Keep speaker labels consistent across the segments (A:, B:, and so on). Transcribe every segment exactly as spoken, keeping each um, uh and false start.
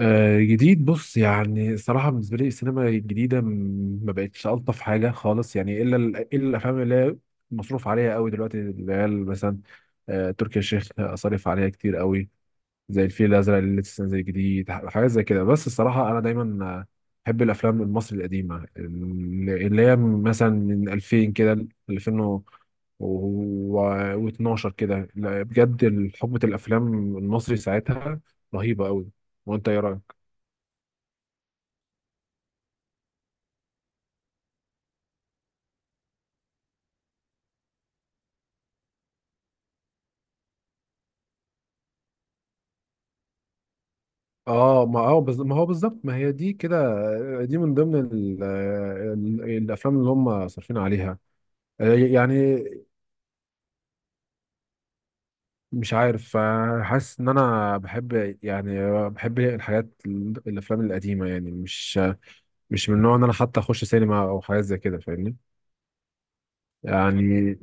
A: آه، جديد، بص. يعني الصراحة بالنسبة لي السينما الجديدة م- ما بقتش ألطف حاجة خالص، يعني إلا ال- إلا الأفلام اللي هي مصروف عليها قوي دلوقتي، اللي هي مثلا آه، تركي الشيخ أصرف عليها كتير قوي، زي الفيل الأزرق اللي لسه نازل جديد، ح- حاجات زي كده. بس الصراحة أنا دايما آه، بحب الأفلام المصري القديمة، اللي اللي هي مثلا من ألفين كده ل ألفين واتناشر كده. لا، بجد حقبة الأفلام المصري ساعتها رهيبة قوي. وأنت إيه رأيك؟ اه، ما اه بز... ما هو بالظبط، ما هي دي كده. دي من ضمن ال... ال... الافلام اللي هم صارفين عليها، آه، يعني. مش عارف، آه، حاسس ان انا بحب، يعني بحب الحاجات ال- الافلام القديمه، يعني مش مش من النوع ان انا حتى اخش سينما او حاجات زي كده، فاهمني؟ يعني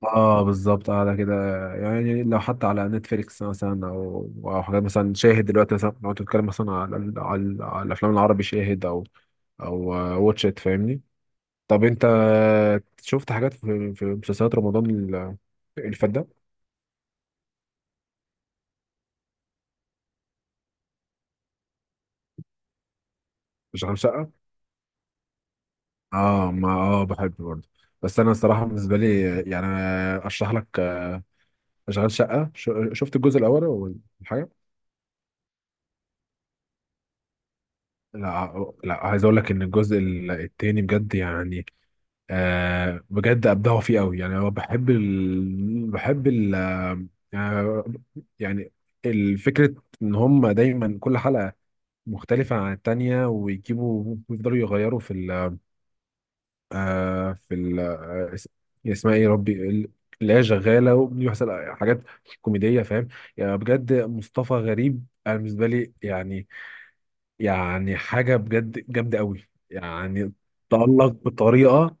A: اه بالظبط، قاعده كده. يعني لو حتى على نتفليكس مثلا، او او حاجات مثلا شاهد دلوقتي، مثلا لو تتكلم مثلا على على, على الافلام العربي، شاهد او او واتش ات، فاهمني. طب انت شفت حاجات في في مسلسلات رمضان ال- اللي فات ده؟ شغال شقة. اه، ما اه بحب برضه، بس انا الصراحة بالنسبة لي، يعني اشرح لك. شغال شقة، ش- شفت الجزء الاول ولا حاجة؟ لا، لا عايز اقول لك ان الجزء ال- التاني بجد، يعني آه بجد ابدعوا فيه قوي. يعني هو بحب ال... بحب ال... آه يعني الفكرة، ان هم دايما كل حلقة مختلفة عن التانية، ويجيبوا ويفضلوا يغيروا في ال آه في ال آه اس- يعني اسمها ايه يا ربي، ال- اللي هي شغالة، وبيحصل حاجات كوميدية، فاهم. يعني بجد مصطفى غريب، أنا بالنسبة لي، يعني يعني حاجة بجد جامدة قوي، يعني تألق بطريقة.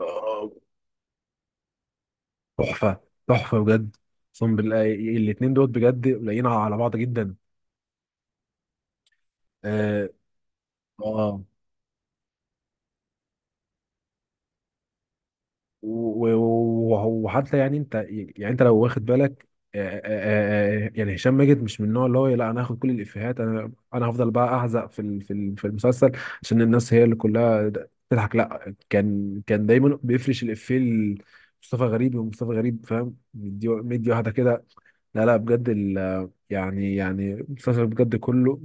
A: آه، تحفة، تحفة بجد. أقسم بالله الاتنين دول بجد لايقين على بعض جدا. اه، آه. و- و- وحتى، يعني انت، يعني انت لو واخد بالك. آه، آه، آه، آه، يعني هشام ماجد مش من النوع اللي هو لا، انا هاخد كل الافيهات، انا انا هفضل بقى احزق في ال- في ال- في المسلسل، عشان الناس هي اللي كلها تضحك. لا، كان كان دايما بيفرش الافيه لمصطفى غريب، ومصطفى غريب فاهم، مدي مدي واحده كده. لا لا، بجد ال- يعني، يعني المسلسل بجد كله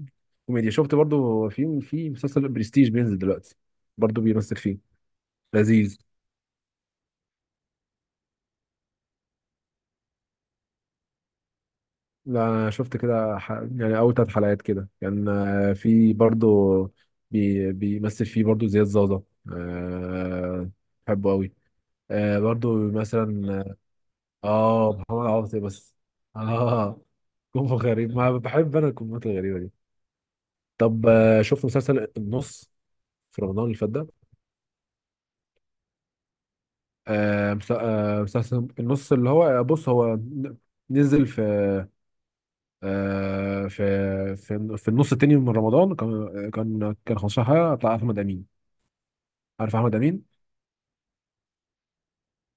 A: كوميديا. شفت برضو في في مسلسل برستيج بينزل دلوقتي، برضو بيمثل فيه، لذيذ. لا، انا شفت كده، ح... يعني اول ثلاث حلقات كده، كان آه، في برضو بي... بيمثل فيه برضو زياد زازا. أه... بحبه قوي. أه، برضو مثلا. اه، آه، محمد عاطي بس. اه، كومبو غريب، ما بحب انا الكومبوات الغريبه دي. طب، آه، شفت مسلسل النص في رمضان اللي فات ده؟ آه، مس- آه، مسلسل النص اللي هو، بص هو نزل في آه، في في في النص التاني من رمضان. كان كان كان خمسة عشر حلقه بتاع احمد امين، عارف احمد امين،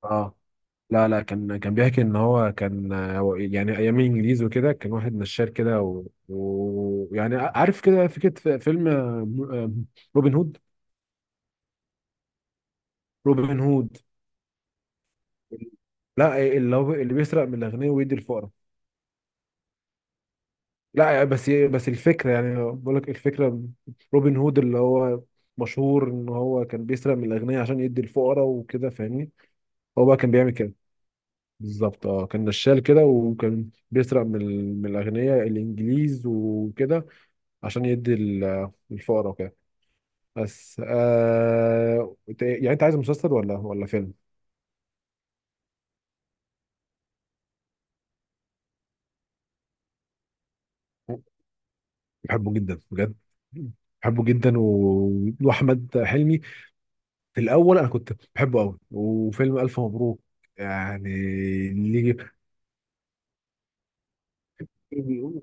A: اه. لا لا، كان كان بيحكي ان هو كان، آه، هو يعني ايام الانجليز وكده، كان واحد نشال كده، ويعني و... و- يعني عارف كده، فكره في- فيلم آه، آه، روبن هود. روبن هود، لا اللي هو اللي بيسرق من الاغنياء ويدي الفقراء. لا، بس بس الفكره، يعني بقول لك الفكره. روبن هود اللي هو مشهور ان هو كان بيسرق من الاغنياء عشان يدي الفقراء وكده، فاهمني. هو بقى كان بيعمل كده بالظبط. اه، كان نشال كده، وكان بيسرق من ال- من الاغنياء الانجليز وكده، عشان يدي ال- الفقراء وكده. بس آه إنت- يعني انت عايز مسلسل ولا ولا فيلم؟ بحبه جدا، بجد بحبه جدا. و- واحمد حلمي، في الاول انا كنت بحبه قوي. وفيلم الف مبروك، يعني اللي يجي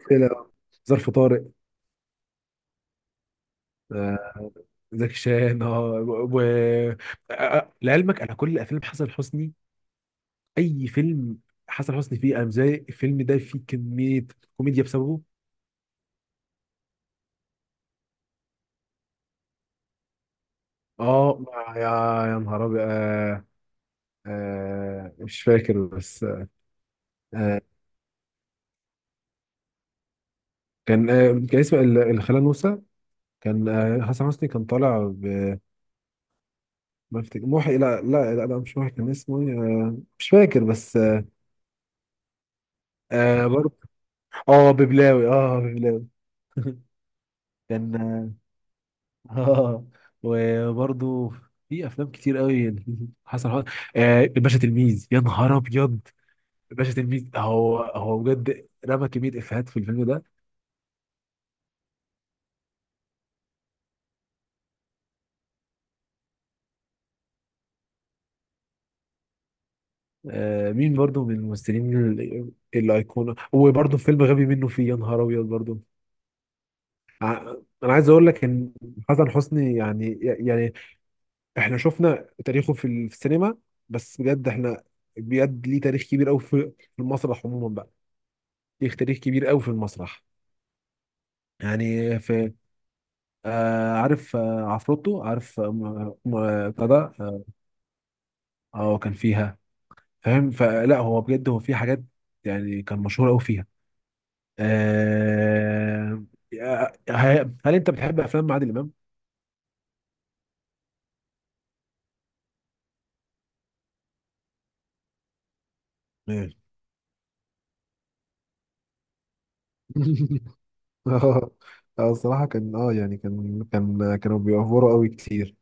A: كده، ظرف طارق، زكي شان، اه. و آه، لعلمك انا كل افلام حسن حسني، اي فيلم حسن حسني فيه، انا زي الفيلم ده فيه كميه كوميديا بسببه، اه. يا يا نهار ابيض، آه آه مش فاكر بس، آه. كان آه كان اسمه ال- الخالة نوسة. كان، آه حسن حسني كان طالع ب، ما افتكر محي. لا لا لا، لا مش محي، كان اسمه إيه؟ آه مش فاكر بس، آه آه، برضه، اه ببلاوي، اه ببلاوي. كان، آه، اه وبرضه في افلام كتير قوي. حسن حسن، آه الباشا تلميذ، يا نهار ابيض، الباشا تلميذ. هو هو بجد رمى كميه افيهات في الفيلم ده. آه مين برضه من الممثلين ال- الايقونه؟ وبرضه فيلم غبي منه فيه، يا نهار ابيض برضه. ع- انا عايز اقول لك ان حسن حسني، يعني يعني احنا شفنا تاريخه في ال- في السينما، بس بجد احنا، بجد ليه تاريخ كبير قوي في في المسرح عموما بقى، ليه تاريخ كبير قوي في المسرح. يعني في آه عارف، آه عفروتو، عارف، آه م- م- بتاع ده، اه. آه، كان فيها، فاهم. فلا هو بجد، هو في حاجات يعني كان مشهور قوي فيها، آه. آه، هل انت بتحب افلام عادل امام؟ إيه. اه، آه، الصراحة كان، اه يعني، كان كان كانوا بيوفروا قوي كتير،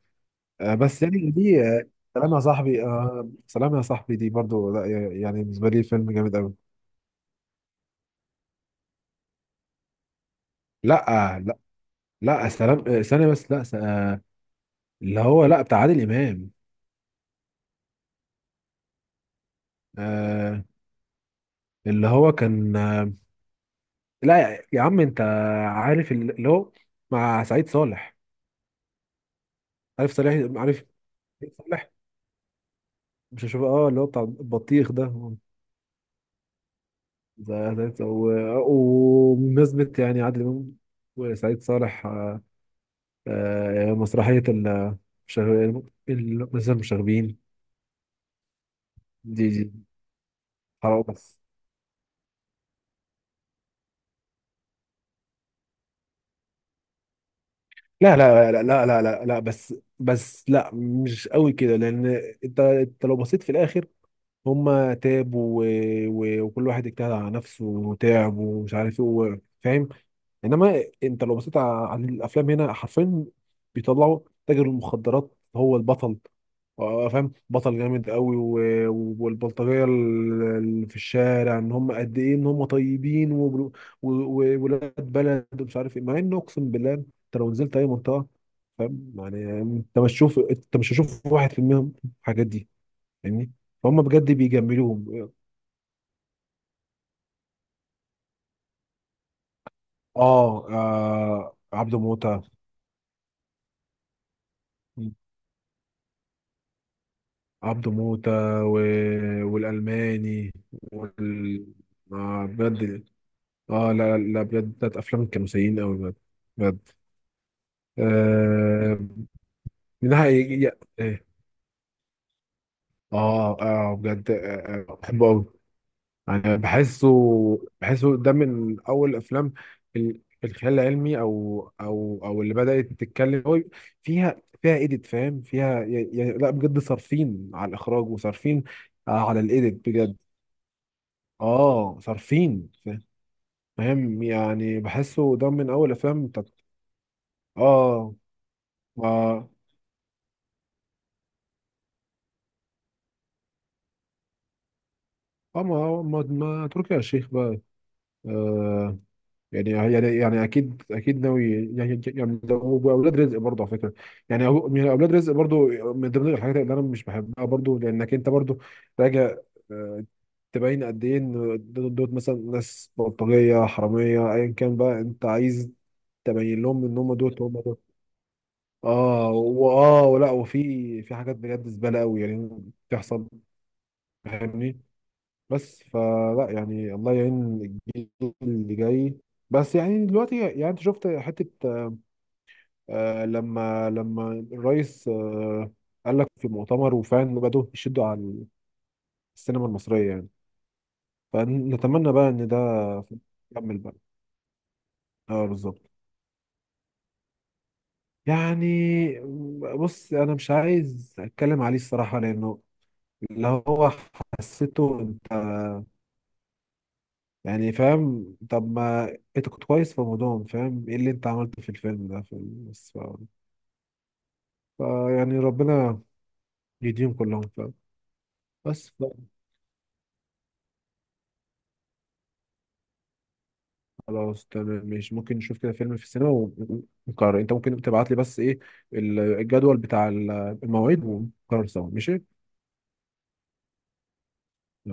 A: آه بس يعني دي، آه سلام يا صاحبي، آه سلام يا صاحبي دي برضو، لا يعني بالنسبة لي فيلم جامد قوي. لا آه، لا، لا سلام، آه، ثانية بس، لا اللي هو، لا بتاع عادل امام. آه اللي هو كان، آه لا يا يا عم انت عارف، اللي هو مع سعيد صالح، عارف صالح، عارف سعيد صالح. مش هشوف، اه اللي هو بتاع البطيخ ده. زي- زي- و- وبمناسبة، يعني عادل امام وسعيد صالح، آه آه مسرحية ال- شغ- المسرح المشاغبين. دي دي حرام. بس، لا لا لا لا لا لا لا، بس بس لا مش قوي كده، لان انت انت لو بصيت في الاخر، هما تعبوا و... و... وكل واحد اجتهد على نفسه وتعب، ومش عارف ايه، و- فاهم. انما انت لو بصيت على على الافلام هنا، حرفيا بيطلعوا تاجر المخدرات هو البطل، آه، آه، فاهم، بطل جامد قوي، و... و- والبلطجيه ال- اللي في الشارع، ان هم قد ايه، ان هم طيبين وولاد، و... و... ولاد بلد ومش عارف ايه. مع انه اقسم بالله، انت لو نزلت اي منطقه، فاهم، يعني انت مش تشوف، انت مش هتشوف واحد في المية من الحاجات دي، فاهمني. فهم بجد بيجملوهم. اه, آه، عبده موتة، عبده موتة و... والألماني وال... آه بجد. اه، لا لا بجد بتاعت أفلام كانوا سيئين أوي بجد، بجد آه... من ناحية إيه. اه، اه بجد، آه آه، بحبه أوي، انا بحسه، بحسه ده من اول افلام ال- الخيال العلمي، او او او اللي بدات تتكلم هو، فيها فيها ايديت، فاهم فيها يعني. لا بجد، صارفين على الاخراج، وصارفين آه، على الايديت بجد، اه صارفين، فاهم. يعني بحسه ده من اول افلام بتاعت. اه ما اه ما ما, ما تركي يا شيخ بقى، آه. يعني يعني يعني اكيد، اكيد ناوي. يعني يعني لو، واولاد رزق برضه، على فكره، يعني أو- يعني اولاد رزق برضه، من ضمن الحاجات اللي انا مش بحبها برضه، لانك انت برضه راجع، آه، تبين قد ايه ان دول دول مثلا ناس بلطجيه حراميه، ايا كان بقى، انت عايز تبين لهم ان هم دوت هم دوت. اه واه ولا وفي في حاجات بجد زباله قوي يعني بتحصل، فاهمني. بس فلا يعني، الله يعين الجيل اللي جاي. بس يعني دلوقتي، يعني انت شفت حته، آه، لما لما الرئيس، آه، قال لك في مؤتمر، وفعلا بدأوا يشدوا على السينما المصرية، يعني، فنتمنى بقى ان ده يكمل بقى. اه بالظبط، يعني بص انا مش عايز اتكلم عليه الصراحة، لانه اللي هو حسيته انت، يعني فاهم. طب ما انت كنت كويس في رمضان، فاهم ايه اللي انت عملته في الفيلم ده في. بس ف... فيعني ربنا يديهم كلهم، فاهم. بس خلاص، تمام ماشي، ممكن نشوف كده فيلم في السينما، ون- ونقرر. انت ممكن تبعت لي بس ايه ال- الجدول بتاع ال- المواعيد، ونقرر سوا، ماشي.